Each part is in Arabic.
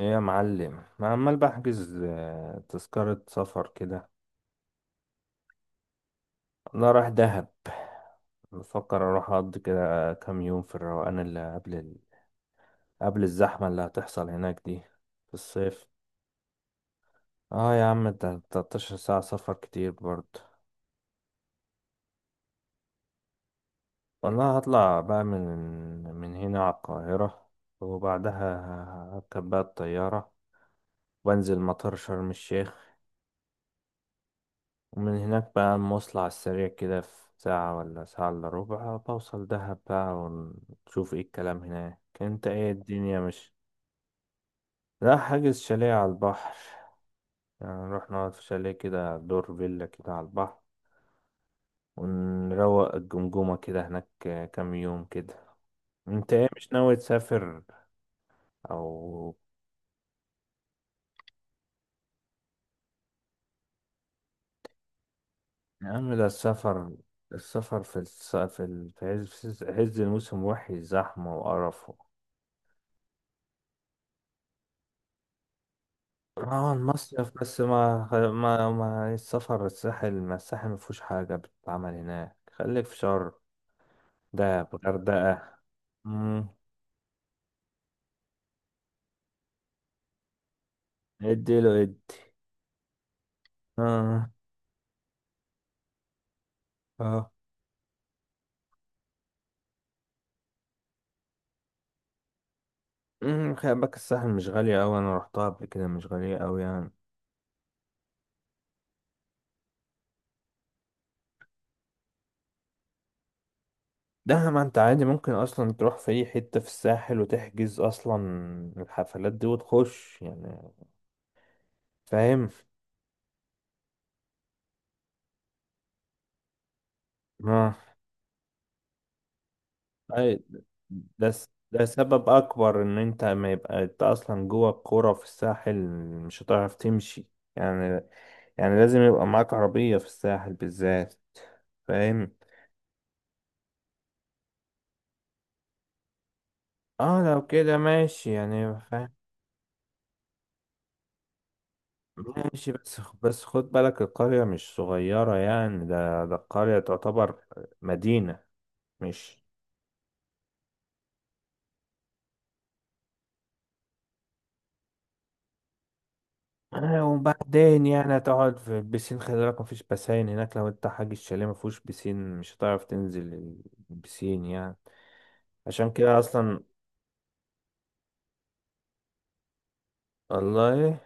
ايه يا معلم؟ ما عمال بحجز تذكرة سفر كده. انا رايح دهب. بفكر اروح اقضي كده كام يوم في الروقان اللي قبل قبل الزحمة اللي هتحصل هناك دي في الصيف. اه يا عم، ده 13 ساعة سفر كتير برضه. والله هطلع بقى من هنا على القاهرة، وبعدها هركب بقى الطيارة وانزل مطار شرم الشيخ. ومن هناك بقى المواصلة على السريع كده في ساعة ولا ساعة إلا ربع بوصل دهب بقى، ونشوف ايه الكلام هناك. انت ايه الدنيا مش؟ لا، حاجز شاليه على البحر، يعني نروح نقعد في شاليه كده، دور فيلا كده على البحر، ونروق الجمجمة كده هناك كام يوم كده. انت ايه مش ناوي تسافر؟ او، يا عم ده السفر، السفر في الس... في ال- في عز في عز الموسم وحش، زحمة وقرف. اه المصيف، بس ما ما ما السفر الساحل، ما الساحل ما فيهوش حاجة بتتعمل هناك، خليك في شرم، دهب، غردقة. مم، ادي له ادي. اه. اه. مم، خلي بالك الساحل مش غالية أوي، أنا روحتها قبل كده، مش غالية أوي يعني. ده ما أنت عادي ممكن أصلا تروح في أي حتة في الساحل وتحجز أصلا الحفلات دي وتخش يعني. فاهم؟ اه. أي، ده سبب أكبر إن أنت ما يبقى أنت أصلا جوه الكورة في الساحل، مش هتعرف تمشي يعني. يعني لازم يبقى معاك عربية في الساحل بالذات، فاهم. اه لو كده ماشي يعني، فاهم. ماشي، بس خد بالك القرية مش صغيرة يعني، ده القرية تعتبر مدينة، مش؟ وبعدين يعني هتقعد في البسين، خلي بالك مفيش بسين هناك، لو انت حاج الشاليه مفهوش بسين مش هتعرف تنزل البسين يعني. عشان كده اصلا. والله.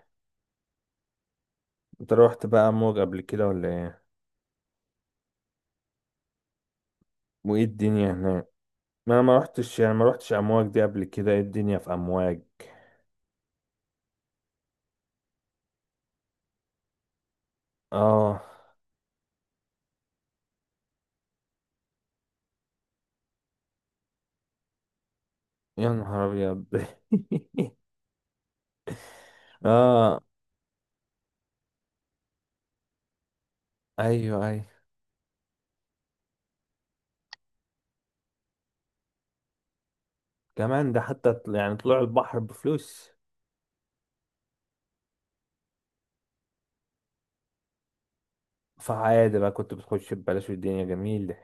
انت روحت بقى امواج قبل كده ولا ايه؟ وايه الدنيا هناك؟ ما انا ما روحتش يعني، ما روحتش امواج دي قبل كده، ايه الدنيا في امواج؟ اه. يا نهار ابيض اه. ايوه ايوه. كمان ده حتى يعني طلوع البحر بفلوس. فعادي بقى، كنت بتخش ببلاش والدنيا جميلة.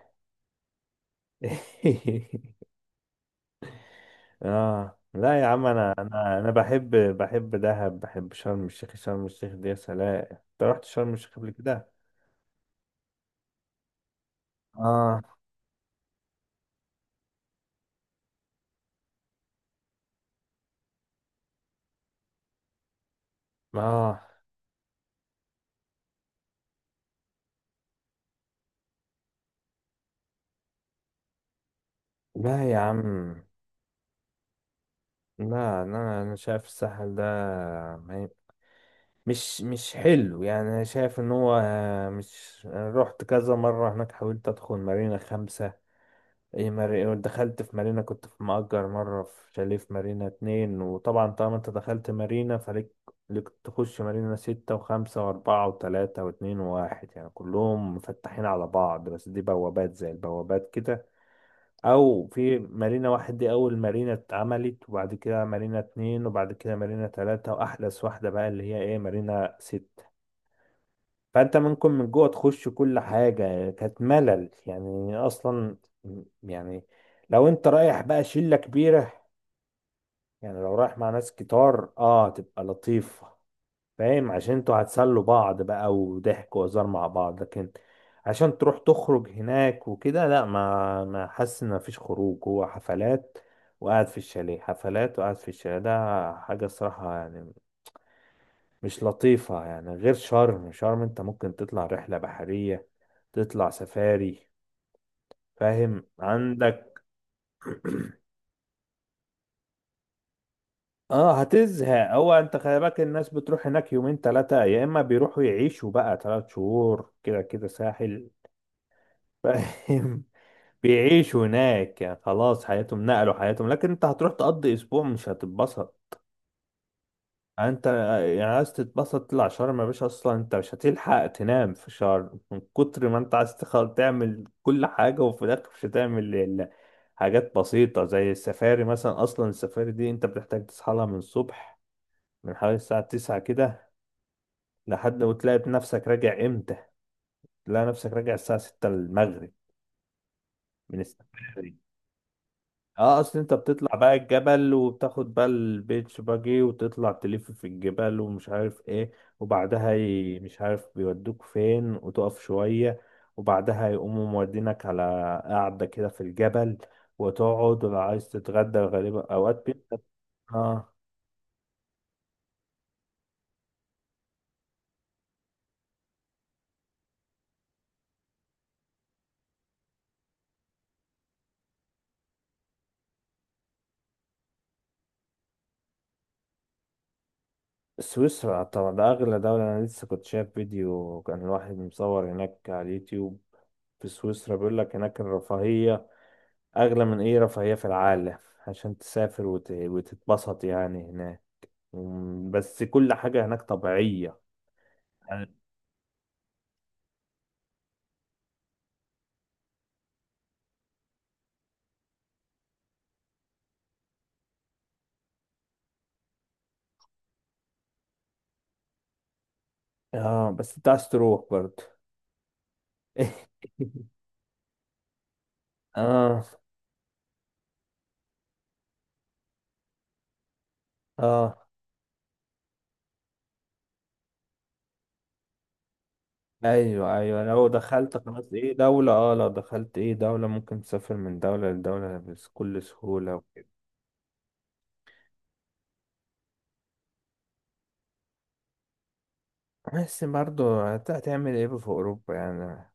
اه، لا يا عم، انا بحب، بحب دهب، بحب شرم الشيخ. شرم الشيخ دي يا سلام. انت رحت شرم الشيخ قبل كده؟ اه. اه. لا يا عم، لا، انا شايف الساحل ده، ما- مش حلو يعني. انا شايف ان هو مش، أنا رحت كذا مره هناك، حاولت ادخل مارينا خمسة، ايه مارينا؟ دخلت في مارينا، كنت في مأجر مره في شاليه في مارينا اتنين. وطبعا طالما انت دخلت مارينا فليك، ليك تخش مارينا ستة وخمسة وأربعة وتلاتة واتنين وواحد، يعني كلهم مفتحين على بعض، بس دي بوابات زي البوابات كده. او في مارينا واحد، دي اول مارينا اتعملت، وبعد كده مارينا اتنين، وبعد كده مارينا تلاتة، واحدث واحدة بقى اللي هي ايه، مارينا ست. فانت ممكن من جوه تخش كل حاجة يعني، كانت ملل يعني اصلا يعني. لو انت رايح بقى شلة كبيرة، يعني لو رايح مع ناس كتار، اه تبقى لطيفة. فاهم، عشان انتوا هتسلوا بعض بقى، وضحك وهزار مع بعض. لكن عشان تروح تخرج هناك وكده، لا ما حاسس ان مفيش خروج، هو حفلات وقاعد في الشاليه، حفلات وقاعد في الشاليه، ده حاجة الصراحة يعني مش لطيفة يعني. غير شرم، شرم انت ممكن تطلع رحلة بحرية، تطلع سفاري، فاهم عندك. اه هتزهق. هو انت خلي بالك الناس بتروح هناك يومين تلاتة، يا اما بيروحوا يعيشوا بقى تلات شهور كده، كده ساحل. فاهم، بيعيشوا هناك يعني خلاص حياتهم، نقلوا حياتهم. لكن انت هتروح تقضي اسبوع مش هتتبسط يعني. انت يعني عايز تتبسط تطلع شرم يا باشا. اصلا انت مش هتلحق تنام في شرم من كتر ما انت عايز تعمل كل حاجة، وفي الاخر مش هتعمل الا حاجات بسيطة زي السفاري مثلا. اصلا السفاري دي انت بتحتاج تصحى لها من الصبح، من حوالي الساعة 9 كده، لحد وتلاقي نفسك راجع امتى؟ تلاقي نفسك راجع الساعة 6 المغرب من السفاري. اه اصل انت بتطلع بقى الجبل، وبتاخد بقى البيتش باجي، وتطلع تلف في الجبال ومش عارف ايه. وبعدها مش عارف بيودوك فين، وتقف شوية، وبعدها يقوموا مودينك على قعدة كده في الجبل، وتقعد، ولو عايز تتغدى غالبا اوقات بيبقى. اه، سويسرا طبعا ده اغلى دولة، انا لسه كنت شايف فيديو كان الواحد مصور هناك على اليوتيوب في سويسرا، بيقول لك هناك الرفاهية أغلى من أي رفاهية في العالم عشان تسافر وتتبسط يعني هناك. مم، بس كل حاجة هناك طبيعية يعني. اه بس أنت عايز تروح برضه. اه. اه. ايوه ايوه، لو دخلت خلاص ايه دولة، اه لو دخلت ايه دولة ممكن تسافر من دولة لدولة بكل سهولة وكده. بس برضه هتعمل ايه في اوروبا يعني؟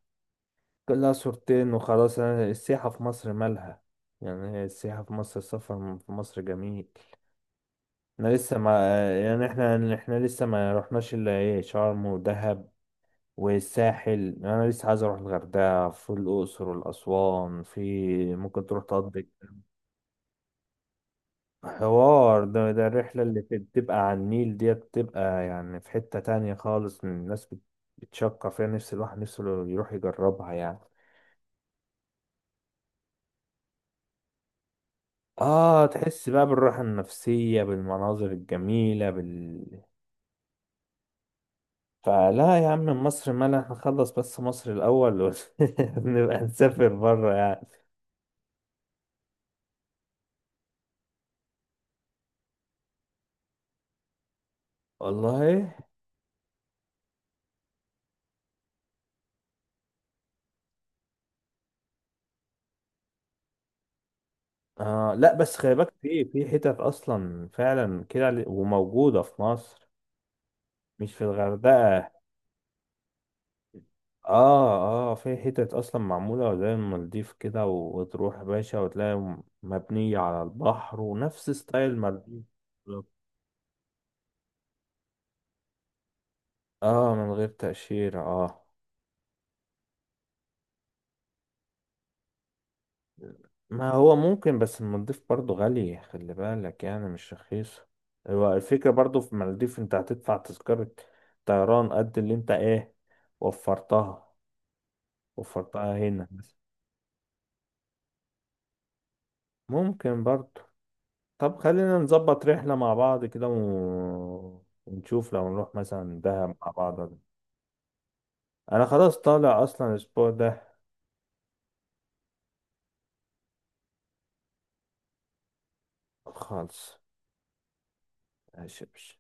كلها صورتين وخلاص يعني، السياحة في مصر مالها؟ يعني هي السياحة في مصر، السفر في مصر جميل، احنا لسه ما، يعني احنا لسه ما رحناش الا ايه، شرم ودهب والساحل. انا لسه عايز اروح الغردقه، في الاقصر والاسوان، في ممكن تروح تقضي حوار. ده الرحله اللي بتبقى على النيل ديت، بتبقى يعني في حته تانية خالص من الناس بتشكر فيها نفس الواحد، نفسه يروح يجربها يعني. اه تحس بقى بالراحه النفسيه بالمناظر الجميله. فلا يا عم، مصر مالها، احنا نخلص بس مصر الأول نبقى نسافر بره يعني. والله. آه لا، بس خلي بالك في حتت أصلا فعلا كده، وموجودة في مصر، مش في الغردقة. اه اه، في حتت أصلا معمولة زي المالديف كده، وتروح يا باشا وتلاقي مبنية على البحر، ونفس ستايل المالديف. بالظبط. اه من غير تأشيرة اه. ما هو ممكن، بس المالديف برضو غالية خلي بالك، يعني مش رخيصة. هو الفكرة برضو في المالديف انت هتدفع تذكرة طيران قد اللي انت ايه، وفرتها، وفرتها هنا. ممكن برضو. طب خلينا نظبط رحلة مع بعض كده ونشوف لو نروح مثلا دهب مع بعض. انا خلاص طالع اصلا الاسبوع ده. خالص. ماشي يا باشا.